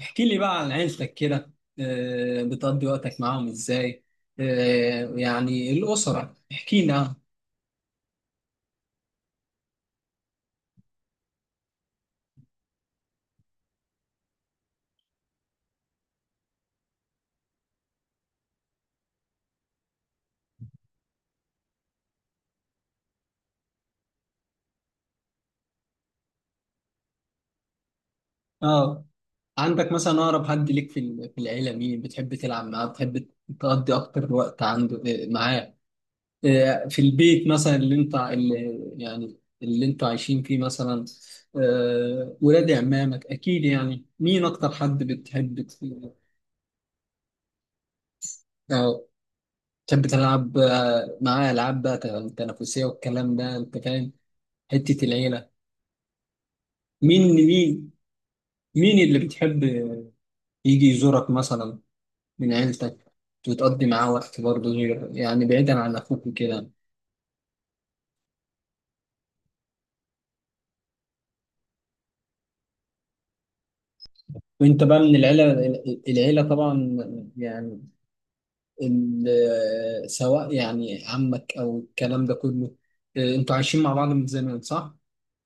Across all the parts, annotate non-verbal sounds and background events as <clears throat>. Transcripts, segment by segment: احكي لي بقى عن عيلتك كده. بتقضي وقتك معاهم ازاي؟ يعني الأسرة احكي لنا عنها. اه. عندك مثلا أقرب حد ليك في العيلة؟ مين بتحب تلعب معاه؟ بتحب تقضي أكتر وقت عنده معاه، في البيت مثلا اللي أنتوا عايشين فيه مثلا؟ ولاد عمامك أكيد. يعني مين أكتر حد بتحب اه، تحب تلعب معاه ألعاب بقى تنافسية، والكلام ده أنت فاهم. حتة العيلة، مين مين مين اللي بتحب يجي يزورك مثلا من عيلتك وتقضي معاه وقت برضه، غير يعني بعيدا عن أخوك وكده؟ وأنت بقى من العيلة العيلة طبعا، يعني سواء يعني عمك أو الكلام ده كله. أنتوا عايشين مع بعض من زمان صح؟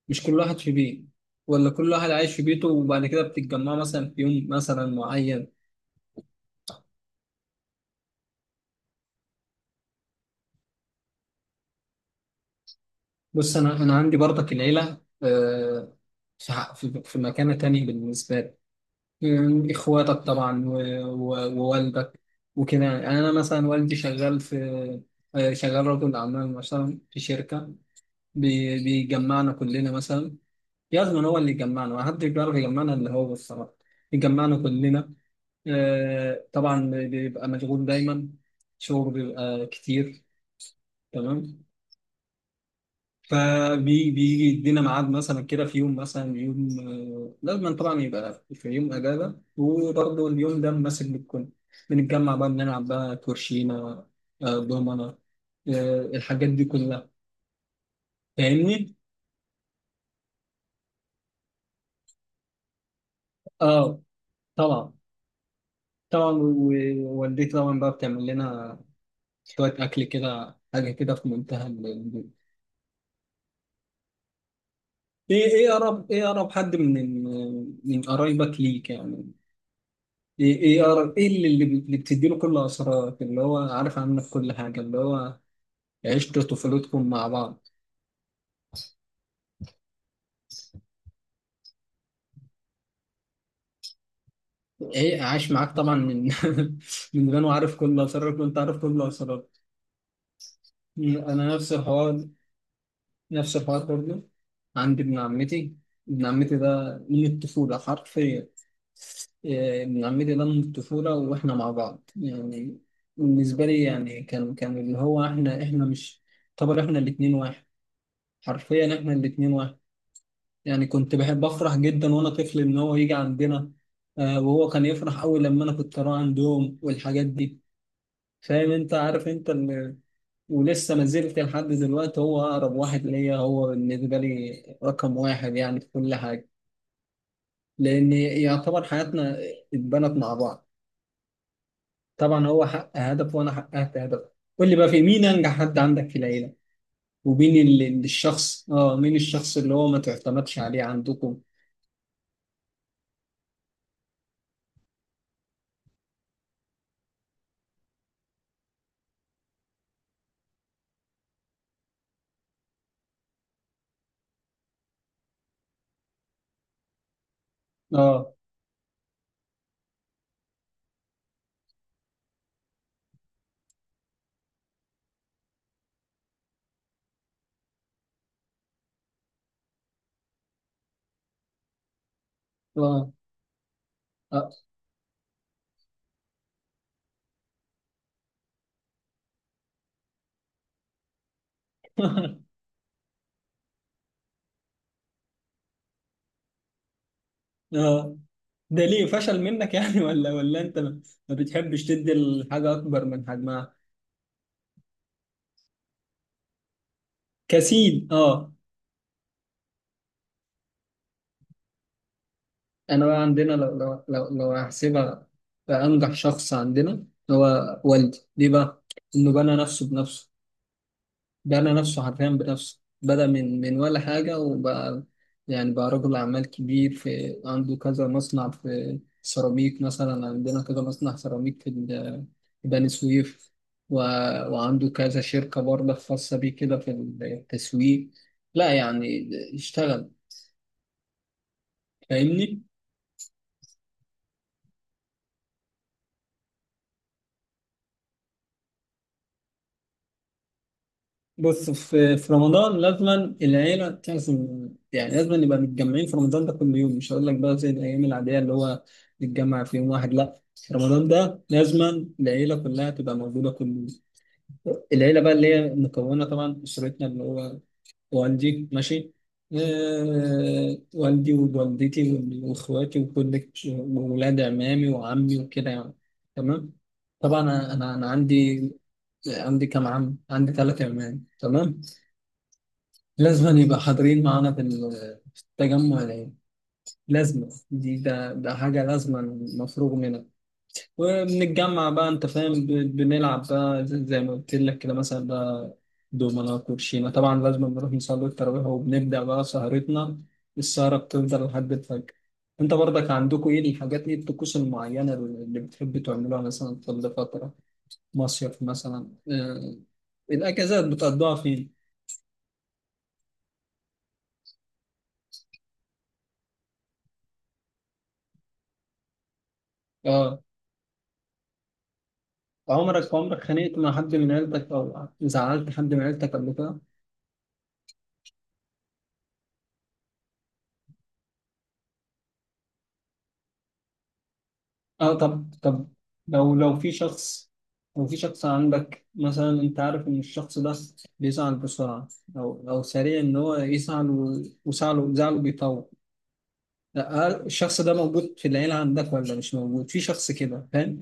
مش كل واحد في بيت، ولا كل واحد عايش في بيته وبعد كده بتتجمعوا مثلا في يوم مثلا معين؟ بص، انا عندي برضك العيله في في مكانه تانية بالنسبه لي. اخواتك طبعا، ووالدك وكده يعني. انا مثلا والدي شغال في، شغال رجل اعمال مثلا في شركه، بيجمعنا كلنا مثلا. لازم هو اللي يجمعنا، ما حدش بيعرف يجمعنا اللي هو الصراحه، يجمعنا كلنا. طبعا بيبقى مشغول دايما، شغل بيبقى كتير. تمام. فبيجي يدينا ميعاد مثلا كده في يوم، مثلا يوم لازم طبعا يبقى في يوم اجازه، وبرضه اليوم ده ماسك بالكل. بنتجمع بقى، بنلعب بقى كوتشينه، دومنه، الحاجات دي كلها. فاهمني؟ اه، طبعا. طبعا ووالدتي طبعا بقى بتعمل لنا شويه اكل كده، حاجه كده في منتهى ايه. اقرب، اقرب حد من قرايبك ليك يعني؟ ايه ايه ايه اللي اللي بتديله كل اسرارك، اللي هو عارف عنك كل حاجه، اللي هو عشتوا طفولتكم مع بعض؟ ايه، عايش معاك طبعا من <laughs> من زمان، وعارف كل اسرارك، وانت عارف كل اسرارك. انا نفس الحوار، نفس الحوار برضه. عندي ابن عمتي، ابن عمتي ده من الطفوله حرفيا. إيه، ابن عمتي ده من الطفوله، واحنا مع بعض يعني. بالنسبه لي يعني كان اللي هو احنا مش، طبعا احنا الاتنين واحد، حرفيا احنا الاتنين واحد. يعني كنت بحب أفرح جدا وأنا طفل إن هو يجي عندنا، وهو كان يفرح أوي لما أنا كنت أروح عندهم والحاجات دي. فاهم أنت؟ عارف أنت ال... ولسه ما زلت لحد دلوقتي هو أقرب واحد ليا، هو بالنسبة لي رقم واحد يعني في كل حاجة. لأن يعتبر حياتنا اتبنت مع بعض. طبعا هو حقق هدف وأنا حققت هدف. قول لي بقى، في مين أنجح حد عندك في العيلة؟ ومين ال- الشخص اه مين الشخص اللي هو ما تعتمدش عليه عندكم؟ اه اه. آه. <laughs> اه، ده ليه فشل منك يعني؟ <laughs> ولا انت ما بتحبش تدي الحاجة اكبر من حجمها؟ كسيد، اه. انا بقى عندنا، لو هحسبها بأنجح شخص عندنا، هو والدي. ليه بقى؟ انه بنى نفسه بنفسه. بنى نفسه حرفيا بنفسه. بدأ من ولا حاجة، وبقى يعني بقى رجل أعمال كبير. في عنده كذا مصنع في سيراميك مثلا، عندنا كذا مصنع سيراميك في بني سويف. و... وعنده كذا شركة برضه خاصة بيه كده في التسويق. لا يعني، اشتغل. فاهمني؟ بص، في رمضان لازما العيلة تعزم، يعني لازما نبقى متجمعين. في رمضان ده كل يوم، مش هقول لك بقى زي الأيام العادية اللي هو نتجمع في يوم واحد، لا. رمضان ده لازما العيلة كلها تبقى موجودة كل يوم. العيلة بقى اللي هي مكونة طبعا أسرتنا، اللي هو والدي، ماشي، والدي ووالدتي وإخواتي، وكل وولاد عمامي وعمي وكده يعني. تمام. طبعا أنا عندي، عندي كام عم؟ عندي ثلاثة عمام. تمام. لازم يبقى حاضرين معانا في التجمع العيلي. لازمة دي، ده ده حاجة لازمة مفروغ منها. وبنتجمع بقى، أنت فاهم، بنلعب بقى زي ما قلت لك كده مثلا بقى، دومنا، كوتشينة. طبعا لازم بنروح نصلي التراويح، وبنبدأ بقى سهرتنا، السهرة بتفضل لحد الفجر. أنت برضك عندكم إيه الحاجات؟ إيه الطقوس المعينة اللي بتحب تعملوها مثلا كل فترة؟ مصيف مثلا، الأجازات بتقضوها فين؟ آه، عمرك خانقت مع حد من عيلتك، او زعلت حد من عيلتك قبل كده؟ اه، طب. لو في شخص، لو في شخص عندك مثلا، انت عارف ان الشخص ده بيزعل بسرعه، او سريع ان هو يزعل، وزعله، بيطول. لا، هل الشخص ده موجود في العيله عندك، ولا مش موجود؟ في شخص كده، فاهم،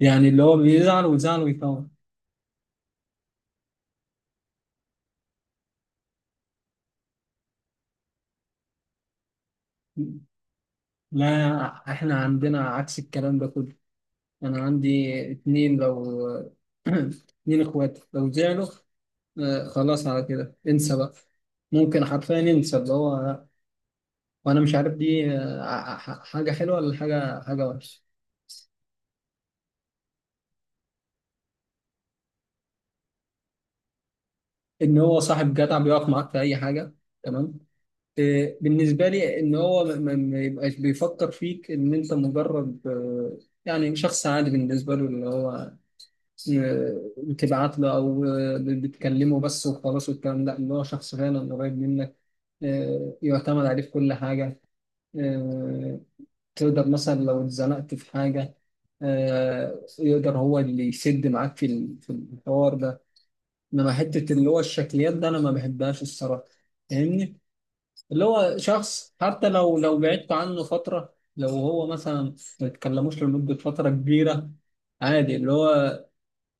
يعني اللي هو بيزعل وزعله بيطول؟ لا، احنا عندنا عكس الكلام ده كله. انا عندي اتنين، لو <coughs> <clears throat> اتنين اخوات لو زعلوا، خلاص، على كده انسى بقى. ممكن حرفيا انسى اللي هو. وانا مش عارف دي حاجه حلوه، ولا حاجه وحشه. ان هو صاحب جدع، بيقف معاك في اي حاجه. تمام. بالنسبه لي ان هو ما يبقاش بيفكر فيك ان انت مجرد يعني شخص عادي بالنسبه له، اللي هو بتبعت له، او بتكلمه بس وخلاص والكلام ده. اللي هو شخص فعلا قريب منك، يعتمد عليه في كل حاجه. آه، تقدر مثلا لو اتزنقت في حاجة، يقدر هو اللي يسد معاك في الحوار ده. انما حتة اللي هو الشكليات ده انا ما بحبهاش الصراحة. فاهمني؟ اللي هو شخص حتى لو بعدت عنه فترة، لو هو مثلا ما تكلموش لمدة فترة كبيرة، عادي اللي هو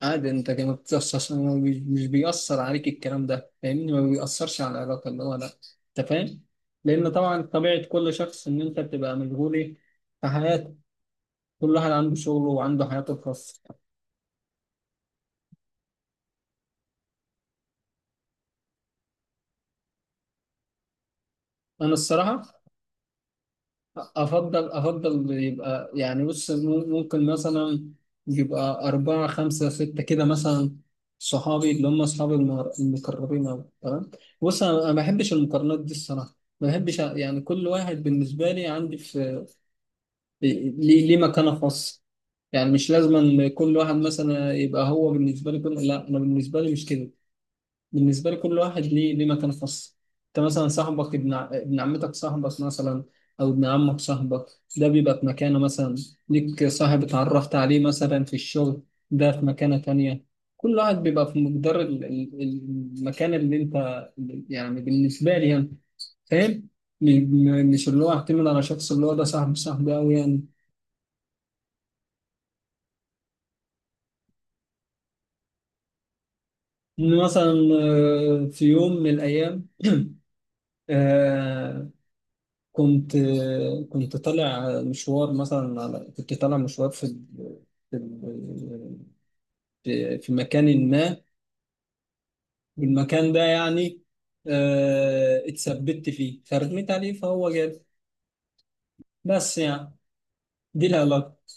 عادي. انت كده ما بتأثرش، مش بيأثر عليك الكلام ده، فاهمني، ما بيأثرش على العلاقة، اللي هو لا، انت فاهم. لأن طبعا طبيعة كل شخص إن أنت بتبقى مشغول إيه؟ في حياتك. كل واحد عنده شغله وعنده حياته الخاصة. أنا الصراحة أفضل يبقى يعني، بص، ممكن مثلا يبقى أربعة خمسة ستة كده مثلا صحابي، اللي هم أصحابي المقربين أوي. تمام. بص، أنا ما بحبش المقارنات دي الصراحة. ما بحبش يعني كل واحد بالنسبة لي عندي في ليه، ليه مكانة خاصة. يعني مش لازم أن كل واحد مثلا يبقى هو بالنسبة لي كل، لا، أنا بالنسبة لي مش كده. بالنسبة لي كل واحد ليه مكان خاص. انت مثلا صاحبك، ابن ابن عمتك صاحبك مثلا، او ابن عمك صاحبك، ده بيبقى في مكانه مثلا. ليك صاحب اتعرفت عليه مثلا في الشغل، ده في مكانة تانية. كل واحد بيبقى في مقدار المكان اللي انت، يعني بالنسبة لي يعني، فاهم. م- مش اللي هو اعتمد على شخص، اللي هو ده صاحبي أوي يعني. إن مثلا في يوم من الأيام، آه، كنت كنت طالع مشوار مثلا، على، كنت طالع مشوار في ال- في مكان ما، والمكان ده يعني اتثبت فيه، فرميت عليه فهو جاب. بس يعني، دي العلاقة.